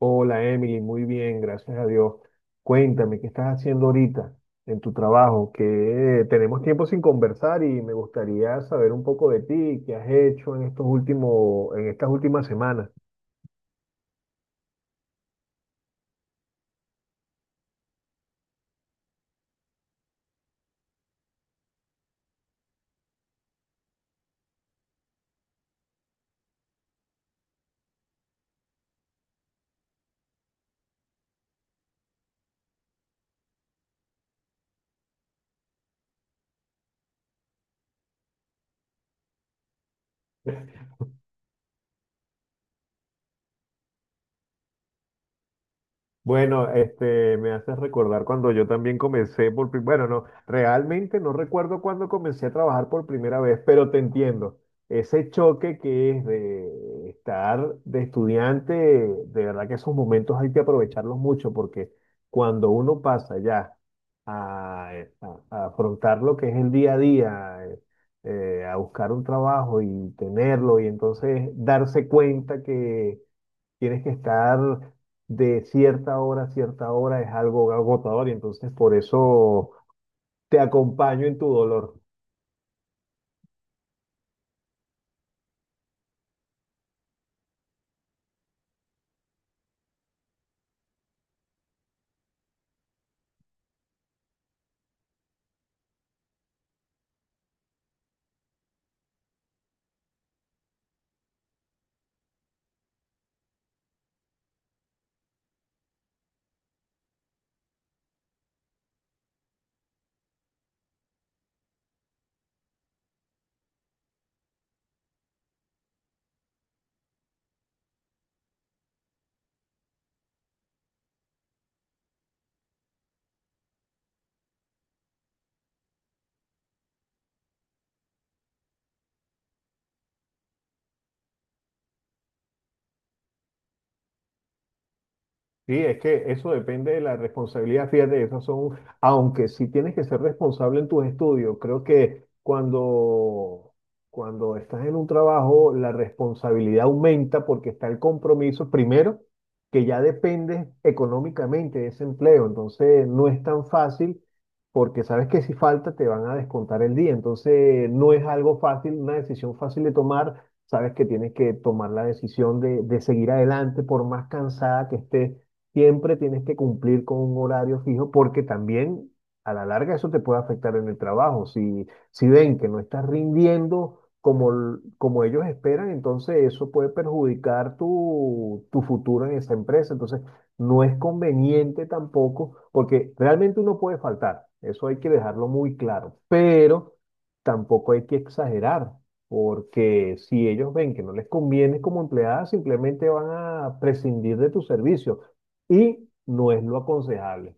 Hola Emily, muy bien, gracias a Dios. Cuéntame, ¿qué estás haciendo ahorita en tu trabajo? Que tenemos tiempo sin conversar y me gustaría saber un poco de ti, qué has hecho en estos últimos, en estas últimas semanas. Bueno, este, me haces recordar cuando yo también comencé por, bueno, no, realmente no recuerdo cuándo comencé a trabajar por primera vez, pero te entiendo. Ese choque que es de estar de estudiante, de verdad que esos momentos hay que aprovecharlos mucho porque cuando uno pasa ya a, a afrontar lo que es el día a día, a buscar un trabajo y tenerlo y entonces darse cuenta que tienes que estar de cierta hora a cierta hora, es algo agotador y entonces por eso te acompaño en tu dolor. Sí, es que eso depende de la responsabilidad, fíjate, esas son, aunque sí tienes que ser responsable en tus estudios, creo que cuando estás en un trabajo, la responsabilidad aumenta porque está el compromiso, primero, que ya dependes económicamente de ese empleo, entonces no es tan fácil porque sabes que si falta te van a descontar el día, entonces no es algo fácil, una decisión fácil de tomar, sabes que tienes que tomar la decisión de seguir adelante por más cansada que estés. Siempre tienes que cumplir con un horario fijo porque también a la larga eso te puede afectar en el trabajo. Si ven que no estás rindiendo como, como ellos esperan, entonces eso puede perjudicar tu, tu futuro en esa empresa. Entonces no es conveniente tampoco porque realmente uno puede faltar. Eso hay que dejarlo muy claro. Pero tampoco hay que exagerar. Porque si ellos ven que no les conviene como empleada, simplemente van a prescindir de tu servicio y no es lo aconsejable.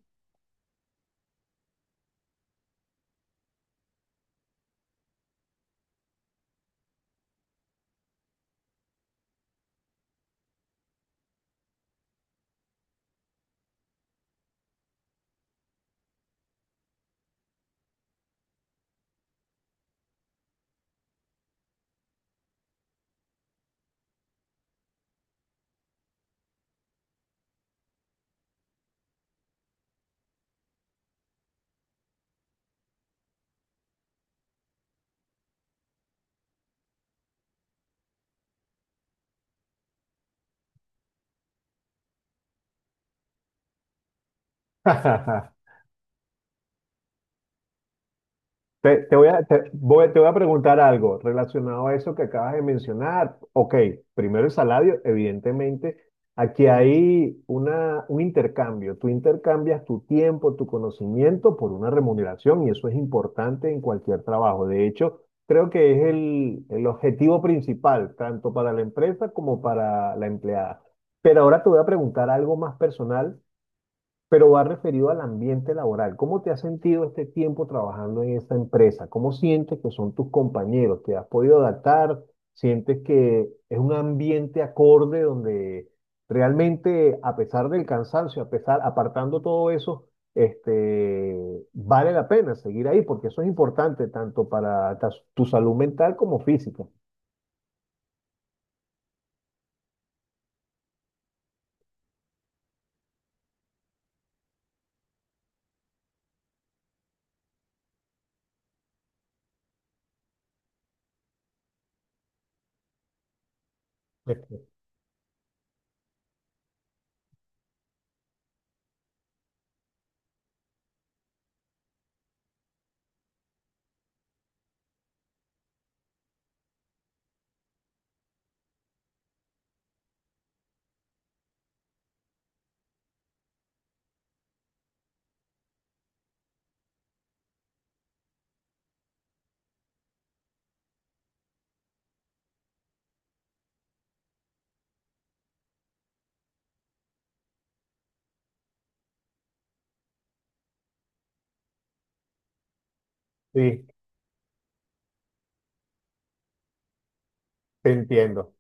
Te voy a preguntar algo relacionado a eso que acabas de mencionar. Ok, primero el salario, evidentemente. Aquí hay una, un intercambio. Tú intercambias tu tiempo, tu conocimiento por una remuneración y eso es importante en cualquier trabajo. De hecho, creo que es el objetivo principal, tanto para la empresa como para la empleada. Pero ahora te voy a preguntar algo más personal pero va referido al ambiente laboral. ¿Cómo te has sentido este tiempo trabajando en esta empresa? ¿Cómo sientes que son tus compañeros? ¿Te has podido adaptar? ¿Sientes que es un ambiente acorde donde realmente, a pesar del cansancio, a pesar, apartando todo eso, este, vale la pena seguir ahí? Porque eso es importante tanto para tu salud mental como física. Sí, te entiendo.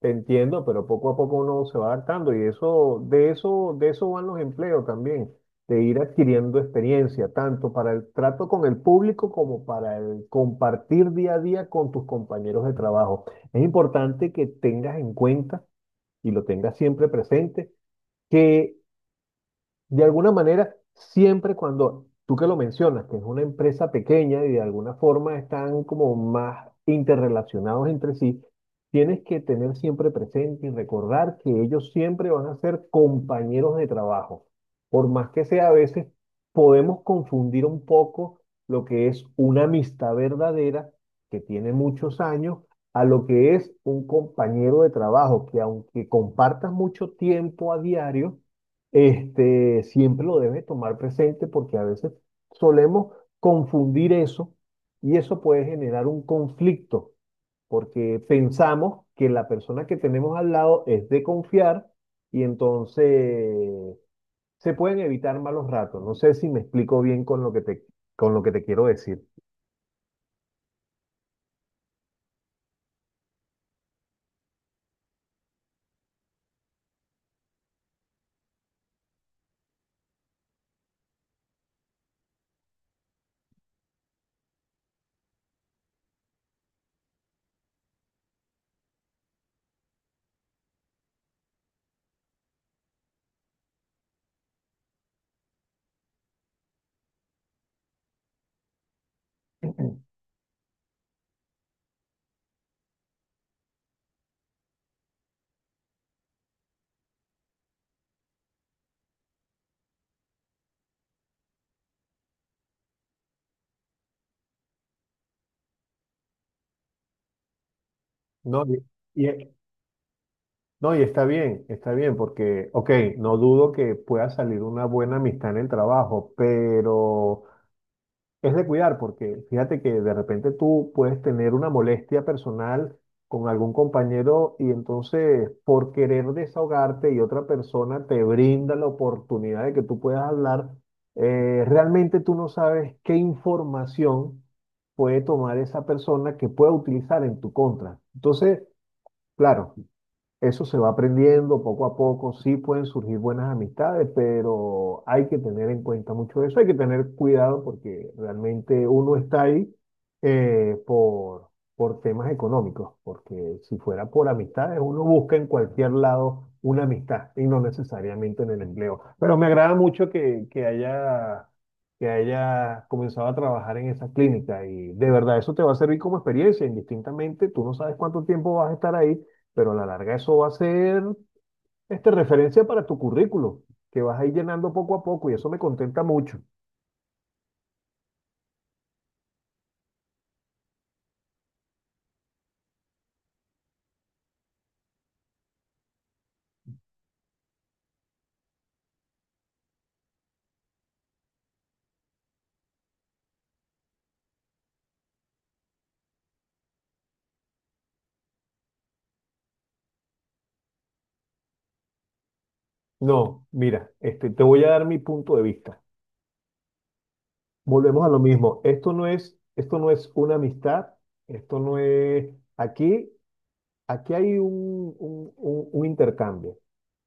Te entiendo, pero poco a poco uno se va adaptando y eso, de eso, de eso van los empleos también, de ir adquiriendo experiencia, tanto para el trato con el público como para el compartir día a día con tus compañeros de trabajo. Es importante que tengas en cuenta y lo tengas siempre presente que de alguna manera, siempre cuando tú que lo mencionas, que es una empresa pequeña y de alguna forma están como más interrelacionados entre sí, tienes que tener siempre presente y recordar que ellos siempre van a ser compañeros de trabajo. Por más que sea, a veces podemos confundir un poco lo que es una amistad verdadera que tiene muchos años a lo que es un compañero de trabajo, que aunque compartas mucho tiempo a diario, este, siempre lo debes tomar presente porque a veces solemos confundir eso y eso puede generar un conflicto porque pensamos que la persona que tenemos al lado es de confiar y entonces se pueden evitar malos ratos. No sé si me explico bien con lo que te, con lo que te quiero decir. No, y, y- no, y está bien, porque, ok, no dudo que pueda salir una buena amistad en el trabajo, pero es de cuidar, porque fíjate que de repente tú puedes tener una molestia personal con algún compañero y entonces por querer desahogarte y otra persona te brinda la oportunidad de que tú puedas hablar, realmente tú no sabes qué información puede tomar esa persona que pueda utilizar en tu contra. Entonces, claro, eso se va aprendiendo poco a poco, sí pueden surgir buenas amistades, pero hay que tener en cuenta mucho eso, hay que tener cuidado porque realmente uno está ahí eh, por, por temas económicos, porque si fuera por amistades, uno busca en cualquier lado una amistad y no necesariamente en el empleo. Pero me agrada mucho que haya comenzado a trabajar en esa clínica y de verdad eso te va a servir como experiencia, indistintamente, tú no sabes cuánto tiempo vas a estar ahí pero a la larga eso va a ser este, referencia para tu currículo, que vas a ir llenando poco a poco y eso me contenta mucho. No, mira, este, te voy a dar mi punto de vista. Volvemos a lo mismo. Esto no es una amistad, esto no es... Aquí, aquí hay un, un intercambio.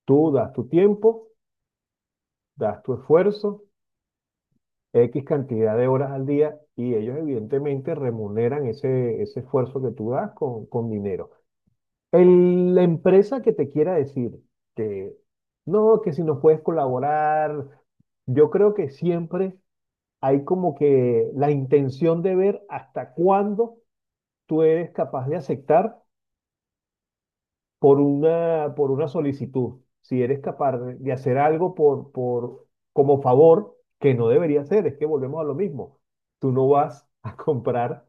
Tú das tu tiempo, das tu esfuerzo, X cantidad de horas al día y ellos evidentemente remuneran ese, ese esfuerzo que tú das con dinero. La empresa que te quiera decir que no, que si nos puedes colaborar, yo creo que siempre hay como que la intención de ver hasta cuándo tú eres capaz de aceptar por una solicitud. Si eres capaz de hacer algo por, como favor, que no debería ser, es que volvemos a lo mismo. Tú no vas a comprar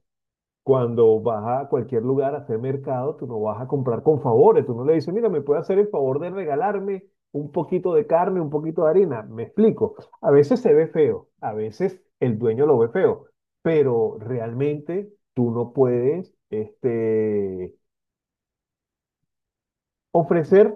cuando vas a cualquier lugar a hacer mercado, tú no vas a comprar con favores, tú no le dices, mira, me puede hacer el favor de regalarme un poquito de carne, un poquito de harina. Me explico. A veces se ve feo, a veces el dueño lo ve feo, pero realmente tú no puedes, este, ofrecer,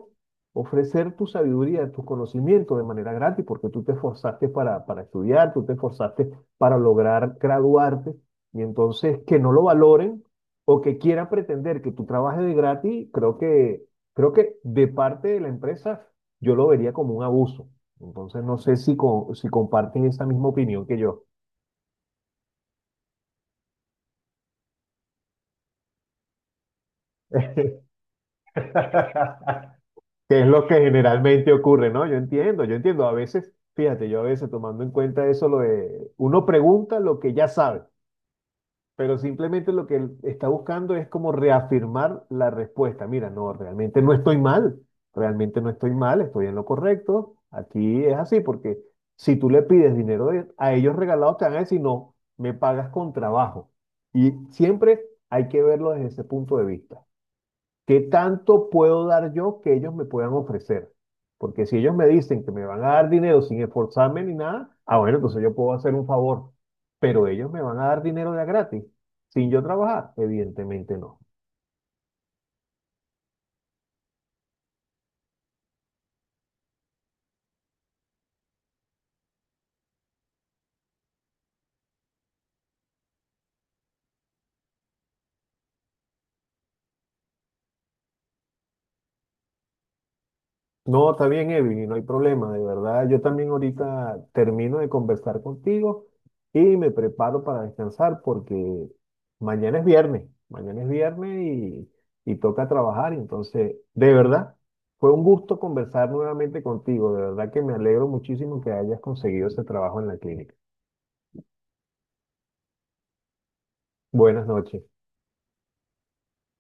ofrecer tu sabiduría, tus conocimientos de manera gratis, porque tú te esforzaste para estudiar, tú te esforzaste para lograr graduarte, y entonces que no lo valoren o que quieran pretender que tú trabajes de gratis, creo que de parte de la empresa yo lo vería como un abuso. Entonces no sé si, si comparten esa misma opinión que yo. que es lo que generalmente ocurre, ¿no? Yo entiendo, yo entiendo. A veces, fíjate, yo a veces tomando en cuenta eso, lo de uno pregunta lo que ya sabe, pero simplemente lo que él está buscando es como reafirmar la respuesta. Mira, no, realmente no estoy mal, realmente no estoy mal, estoy en lo correcto. Aquí es así, porque si tú le pides dinero a ellos regalados, te van a decir, no, me pagas con trabajo. Y siempre hay que verlo desde ese punto de vista. ¿Qué tanto puedo dar yo que ellos me puedan ofrecer? Porque si ellos me dicen que me van a dar dinero sin esforzarme ni nada, ah, bueno, entonces yo puedo hacer un favor. Pero ellos me van a dar dinero de a gratis, sin yo trabajar, evidentemente no. No, está bien, Evi, no hay problema, de verdad. Yo también ahorita termino de conversar contigo y me preparo para descansar porque mañana es viernes y toca trabajar. Entonces, de verdad, fue un gusto conversar nuevamente contigo. De verdad que me alegro muchísimo que hayas conseguido ese trabajo en la clínica. Buenas noches.